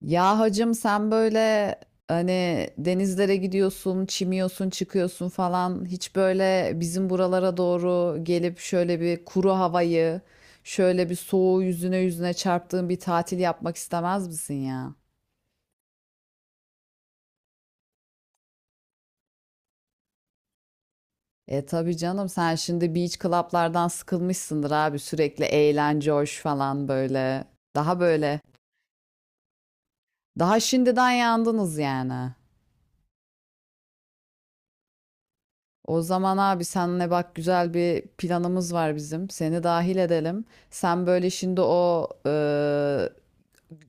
Ya hacım, sen böyle hani denizlere gidiyorsun, çimiyorsun, çıkıyorsun falan, hiç böyle bizim buralara doğru gelip şöyle bir kuru havayı, şöyle bir soğuğu yüzüne yüzüne çarptığın bir tatil yapmak istemez misin ya? E tabii canım, sen şimdi beach club'lardan sıkılmışsındır abi, sürekli eğlence hoş falan böyle. Daha böyle. Daha şimdiden yandınız yani. O zaman abi, senle bak güzel bir planımız var bizim. Seni dahil edelim. Sen böyle şimdi o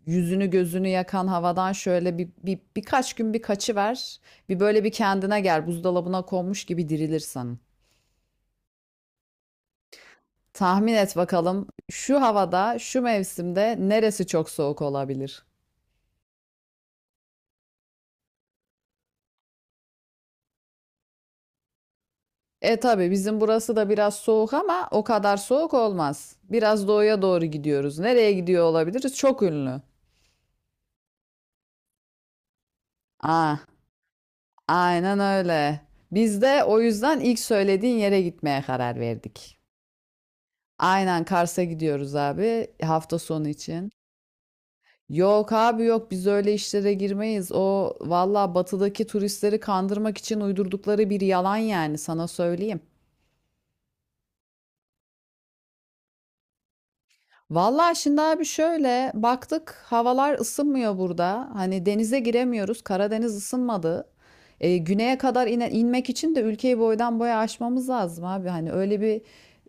yüzünü gözünü yakan havadan şöyle bir birkaç gün bir kaçıver. Bir böyle bir kendine gel. Buzdolabına konmuş gibi dirilirsen. Tahmin et bakalım, şu havada, şu mevsimde neresi çok soğuk olabilir? E tabii, bizim burası da biraz soğuk ama o kadar soğuk olmaz. Biraz doğuya doğru gidiyoruz. Nereye gidiyor olabiliriz? Çok ünlü. Aa. Aynen öyle. Biz de o yüzden ilk söylediğin yere gitmeye karar verdik. Aynen, Kars'a gidiyoruz abi, hafta sonu için. Yok abi yok, biz öyle işlere girmeyiz. O valla batıdaki turistleri kandırmak için uydurdukları bir yalan yani, sana söyleyeyim. Valla şimdi abi, şöyle baktık, havalar ısınmıyor burada. Hani denize giremiyoruz. Karadeniz ısınmadı. E, güneye kadar inmek için de ülkeyi boydan boya aşmamız lazım abi. Hani öyle bir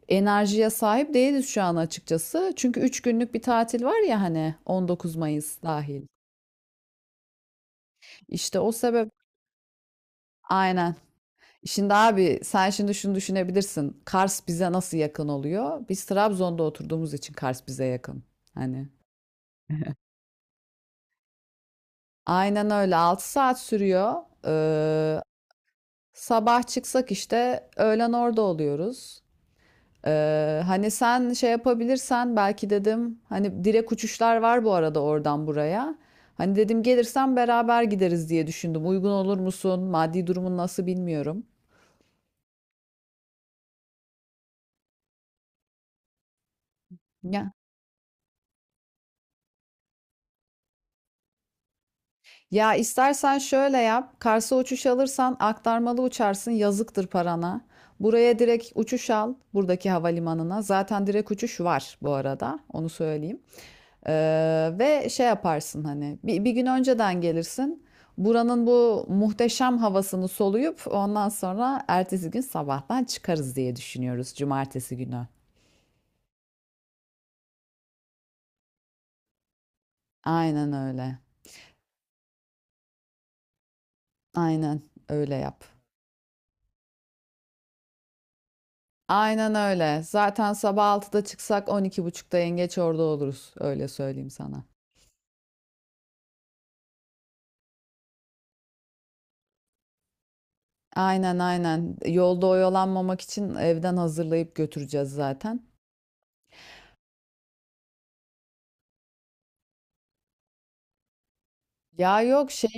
enerjiye sahip değiliz şu an, açıkçası. Çünkü 3 günlük bir tatil var ya hani, 19 Mayıs dahil. İşte o sebep, aynen. Şimdi abi, sen şimdi şunu düşünebilirsin. Kars bize nasıl yakın oluyor? Biz Trabzon'da oturduğumuz için Kars bize yakın. Hani aynen öyle. 6 saat sürüyor. Ee, Sabah çıksak işte öğlen orada oluyoruz. Hani sen şey yapabilirsen belki dedim, hani direkt uçuşlar var bu arada oradan buraya. Hani dedim gelirsen beraber gideriz diye düşündüm. Uygun olur musun? Maddi durumun nasıl, bilmiyorum. Ya, ya, istersen şöyle yap. Kars'a uçuş alırsan aktarmalı uçarsın. Yazıktır parana. Buraya direkt uçuş al, buradaki havalimanına. Zaten direkt uçuş var bu arada. Onu söyleyeyim. Ve şey yaparsın hani bir gün önceden gelirsin. Buranın bu muhteşem havasını soluyup ondan sonra ertesi gün sabahtan çıkarız diye düşünüyoruz, cumartesi günü. Aynen öyle. Aynen, öyle yap. Aynen öyle. Zaten sabah 6'da çıksak 12.30'da yengeç orada oluruz. Öyle söyleyeyim sana. Aynen aynen. Yolda oyalanmamak için evden hazırlayıp götüreceğiz zaten. Ya yok şey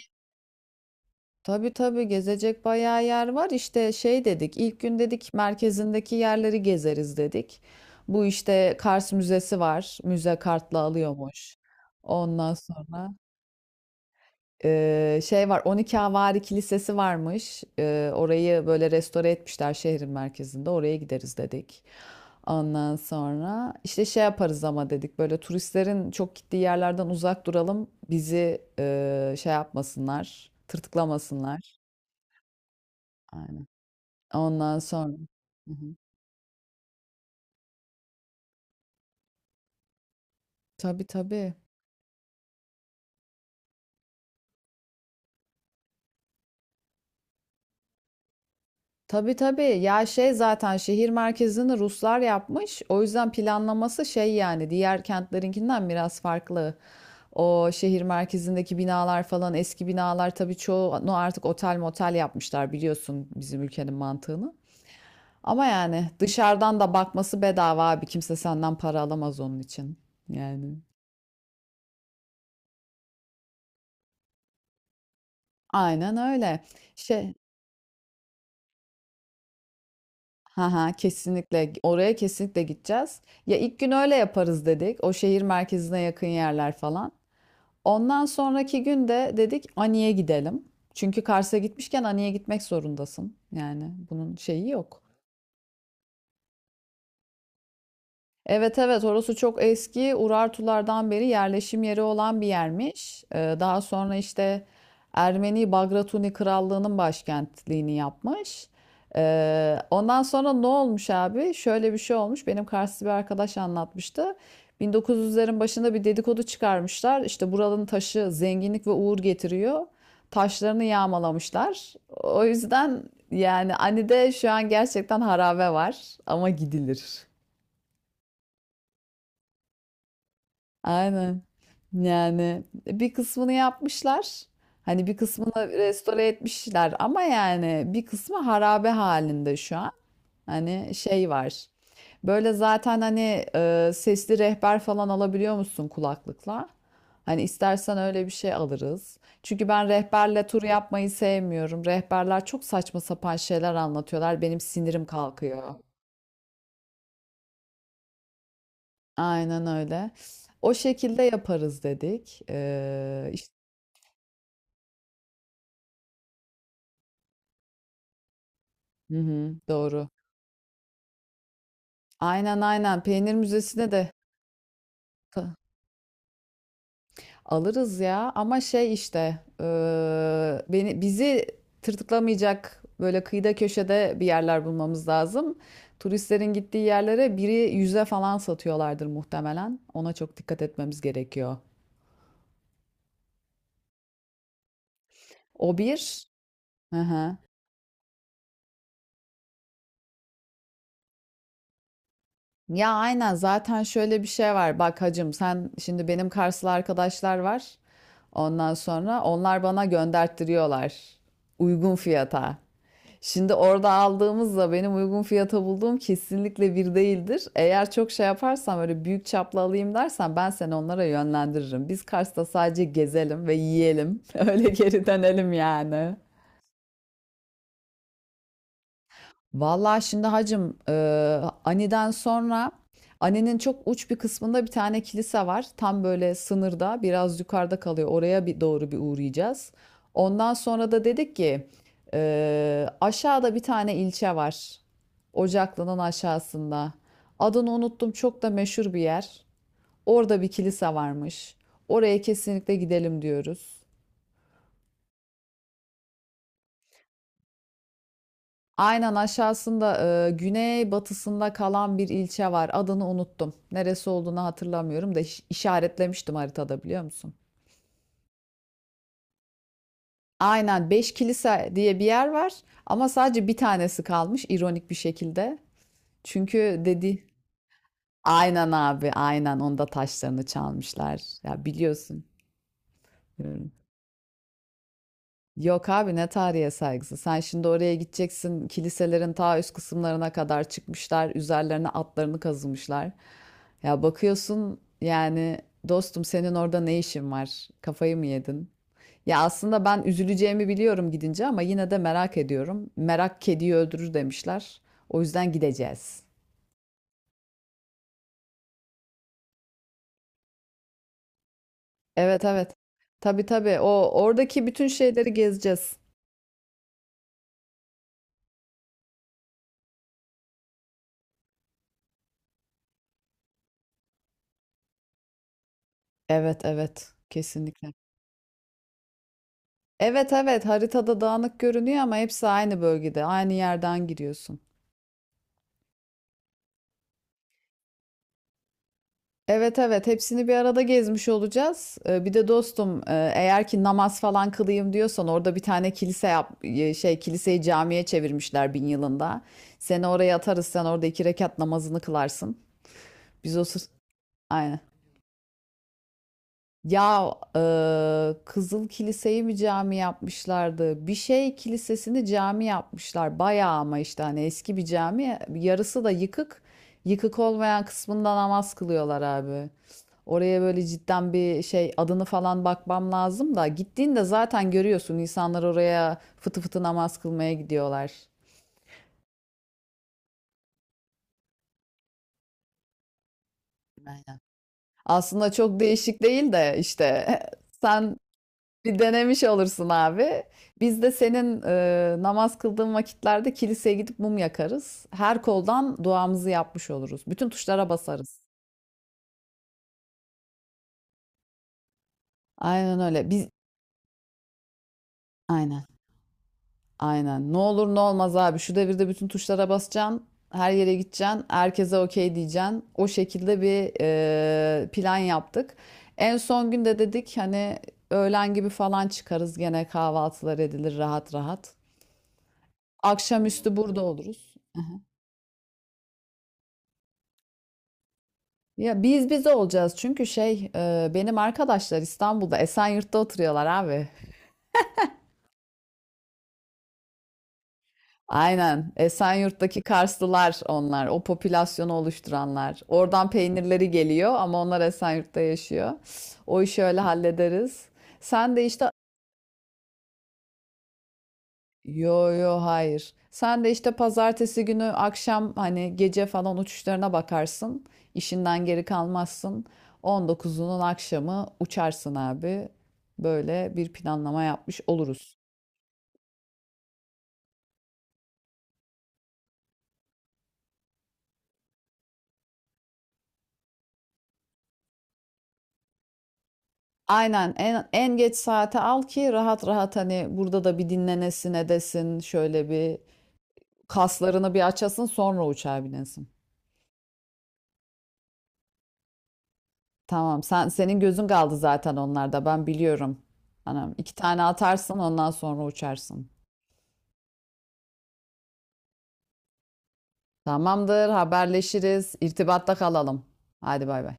Tabii tabii, gezecek bayağı yer var. İşte şey dedik, ilk gün dedik merkezindeki yerleri gezeriz dedik. Bu işte Kars Müzesi var. Müze kartla alıyormuş. Ondan sonra şey var, 12 Havari Kilisesi varmış. Orayı böyle restore etmişler şehrin merkezinde. Oraya gideriz dedik. Ondan sonra işte şey yaparız ama dedik, böyle turistlerin çok gittiği yerlerden uzak duralım. Bizi şey yapmasınlar, tırtıklamasınlar. Aynen. Ondan sonra. Hı hı. Tabii tabii. Tabii tabii. Ya şey, zaten şehir merkezini Ruslar yapmış. O yüzden planlaması şey yani, diğer kentlerinkinden biraz farklı. O şehir merkezindeki binalar falan eski binalar, tabii çoğunu artık otel motel yapmışlar, biliyorsun bizim ülkenin mantığını. Ama yani dışarıdan da bakması bedava abi. Kimse senden para alamaz onun için. Yani. Aynen öyle. Şey, Ha ha, kesinlikle oraya kesinlikle gideceğiz. Ya ilk gün öyle yaparız dedik. O şehir merkezine yakın yerler falan. Ondan sonraki gün de dedik Ani'ye gidelim. Çünkü Kars'a gitmişken Ani'ye gitmek zorundasın. Yani bunun şeyi yok. Evet evet, orası çok eski, Urartulardan beri yerleşim yeri olan bir yermiş. Daha sonra işte Ermeni Bagratuni Krallığı'nın başkentliğini yapmış. Ondan sonra ne olmuş abi? Şöyle bir şey olmuş. Benim Karslı bir arkadaş anlatmıştı. 1900'lerin başında bir dedikodu çıkarmışlar. İşte buranın taşı zenginlik ve uğur getiriyor. Taşlarını yağmalamışlar. O yüzden yani Ani'de şu an gerçekten harabe var ama gidilir. Aynen. Yani bir kısmını yapmışlar. Hani bir kısmını restore etmişler ama yani bir kısmı harabe halinde şu an. Hani şey var. Böyle zaten hani sesli rehber falan alabiliyor musun kulaklıkla? Hani istersen öyle bir şey alırız. Çünkü ben rehberle tur yapmayı sevmiyorum. Rehberler çok saçma sapan şeyler anlatıyorlar. Benim sinirim kalkıyor. Aynen öyle. O şekilde yaparız dedik. Hı hı, doğru. Aynen aynen. Peynir müzesine de ka- alırız ya. Ama şey işte bizi tırtıklamayacak böyle kıyıda köşede bir yerler bulmamız lazım. Turistlerin gittiği yerlere biri yüze falan satıyorlardır muhtemelen. Ona çok dikkat etmemiz gerekiyor. O bir. Hı hı. Ya aynen, zaten şöyle bir şey var. Bak hacım, sen şimdi benim Karslı arkadaşlar var. Ondan sonra onlar bana gönderttiriyorlar. Uygun fiyata. Şimdi orada aldığımızla benim uygun fiyata bulduğum kesinlikle bir değildir. Eğer çok şey yaparsam, öyle büyük çaplı alayım dersen, ben seni onlara yönlendiririm. Biz Kars'ta sadece gezelim ve yiyelim. Öyle geri dönelim yani. Vallahi şimdi hacım, Ani'den sonra Ani'nin çok uç bir kısmında bir tane kilise var. Tam böyle sınırda, biraz yukarıda kalıyor. Oraya bir doğru bir uğrayacağız. Ondan sonra da dedik ki aşağıda bir tane ilçe var. Ocaklı'nın aşağısında. Adını unuttum, çok da meşhur bir yer. Orada bir kilise varmış. Oraya kesinlikle gidelim diyoruz. Aynen, aşağısında güney batısında kalan bir ilçe var. Adını unuttum. Neresi olduğunu hatırlamıyorum da işaretlemiştim haritada, biliyor musun? Aynen, Beşkilise diye bir yer var ama sadece bir tanesi kalmış, ironik bir şekilde. Çünkü dedi, aynen abi, aynen onda taşlarını çalmışlar. Ya biliyorsun. Yok abi, ne tarihe saygısı. Sen şimdi oraya gideceksin. Kiliselerin ta üst kısımlarına kadar çıkmışlar. Üzerlerine atlarını kazımışlar. Ya bakıyorsun yani, dostum senin orada ne işin var? Kafayı mı yedin? Ya aslında ben üzüleceğimi biliyorum gidince ama yine de merak ediyorum. Merak kediyi öldürür demişler. O yüzden gideceğiz. Evet evet. Tabii tabii. O oradaki bütün şeyleri gezeceğiz. Evet evet. Kesinlikle. Evet evet, haritada dağınık görünüyor ama hepsi aynı bölgede, aynı yerden giriyorsun. Evet evet, hepsini bir arada gezmiş olacağız. Bir de dostum, eğer ki namaz falan kılayım diyorsan, orada bir tane kilise şey, kiliseyi camiye çevirmişler 1000 yılında. Seni oraya atarız, sen orada 2 rekat namazını kılarsın. Biz o sır... Ya Kızıl Kilise'yi bir cami yapmışlardı? Bir şey kilisesini cami yapmışlar. Bayağı ama işte hani eski bir cami. Yarısı da yıkık. Yıkık olmayan kısmında namaz kılıyorlar abi. Oraya böyle cidden bir şey, adını falan bakmam lazım da. Gittiğinde zaten görüyorsun, insanlar oraya fıtı fıtı namaz kılmaya gidiyorlar. Aynen. Aslında çok değişik değil de işte sen bir denemiş olursun abi. Biz de senin namaz kıldığın vakitlerde kiliseye gidip mum yakarız. Her koldan duamızı yapmış oluruz. Bütün tuşlara basarız. Aynen öyle. Biz aynen. Aynen. Ne olur ne olmaz abi. Şu devirde bütün tuşlara basacaksın. Her yere gideceksin. Herkese okey diyeceksin. O şekilde bir plan yaptık. En son günde dedik hani öğlen gibi falan çıkarız. Gene kahvaltılar edilir rahat rahat. Akşamüstü burada oluruz. Ya biz olacağız çünkü şey, benim arkadaşlar İstanbul'da Esenyurt'ta oturuyorlar abi. Aynen, Esenyurt'taki Karslılar onlar, o popülasyonu oluşturanlar. Oradan peynirleri geliyor ama onlar Esenyurt'ta yaşıyor. O işi öyle hallederiz. Sen de işte. Yo yo hayır. Sen de işte pazartesi günü akşam hani gece falan uçuşlarına bakarsın. İşinden geri kalmazsın. 19'unun akşamı uçarsın abi. Böyle bir planlama yapmış oluruz. Aynen, en geç saate al ki rahat rahat hani burada da bir dinlenesin edesin. Şöyle bir kaslarını bir açasın, sonra uçağa binesin. Tamam, sen senin gözün kaldı zaten onlarda, ben biliyorum. Anam 2 tane atarsın, ondan sonra uçarsın. Tamamdır, haberleşiriz. İrtibatta kalalım. Hadi bay bay.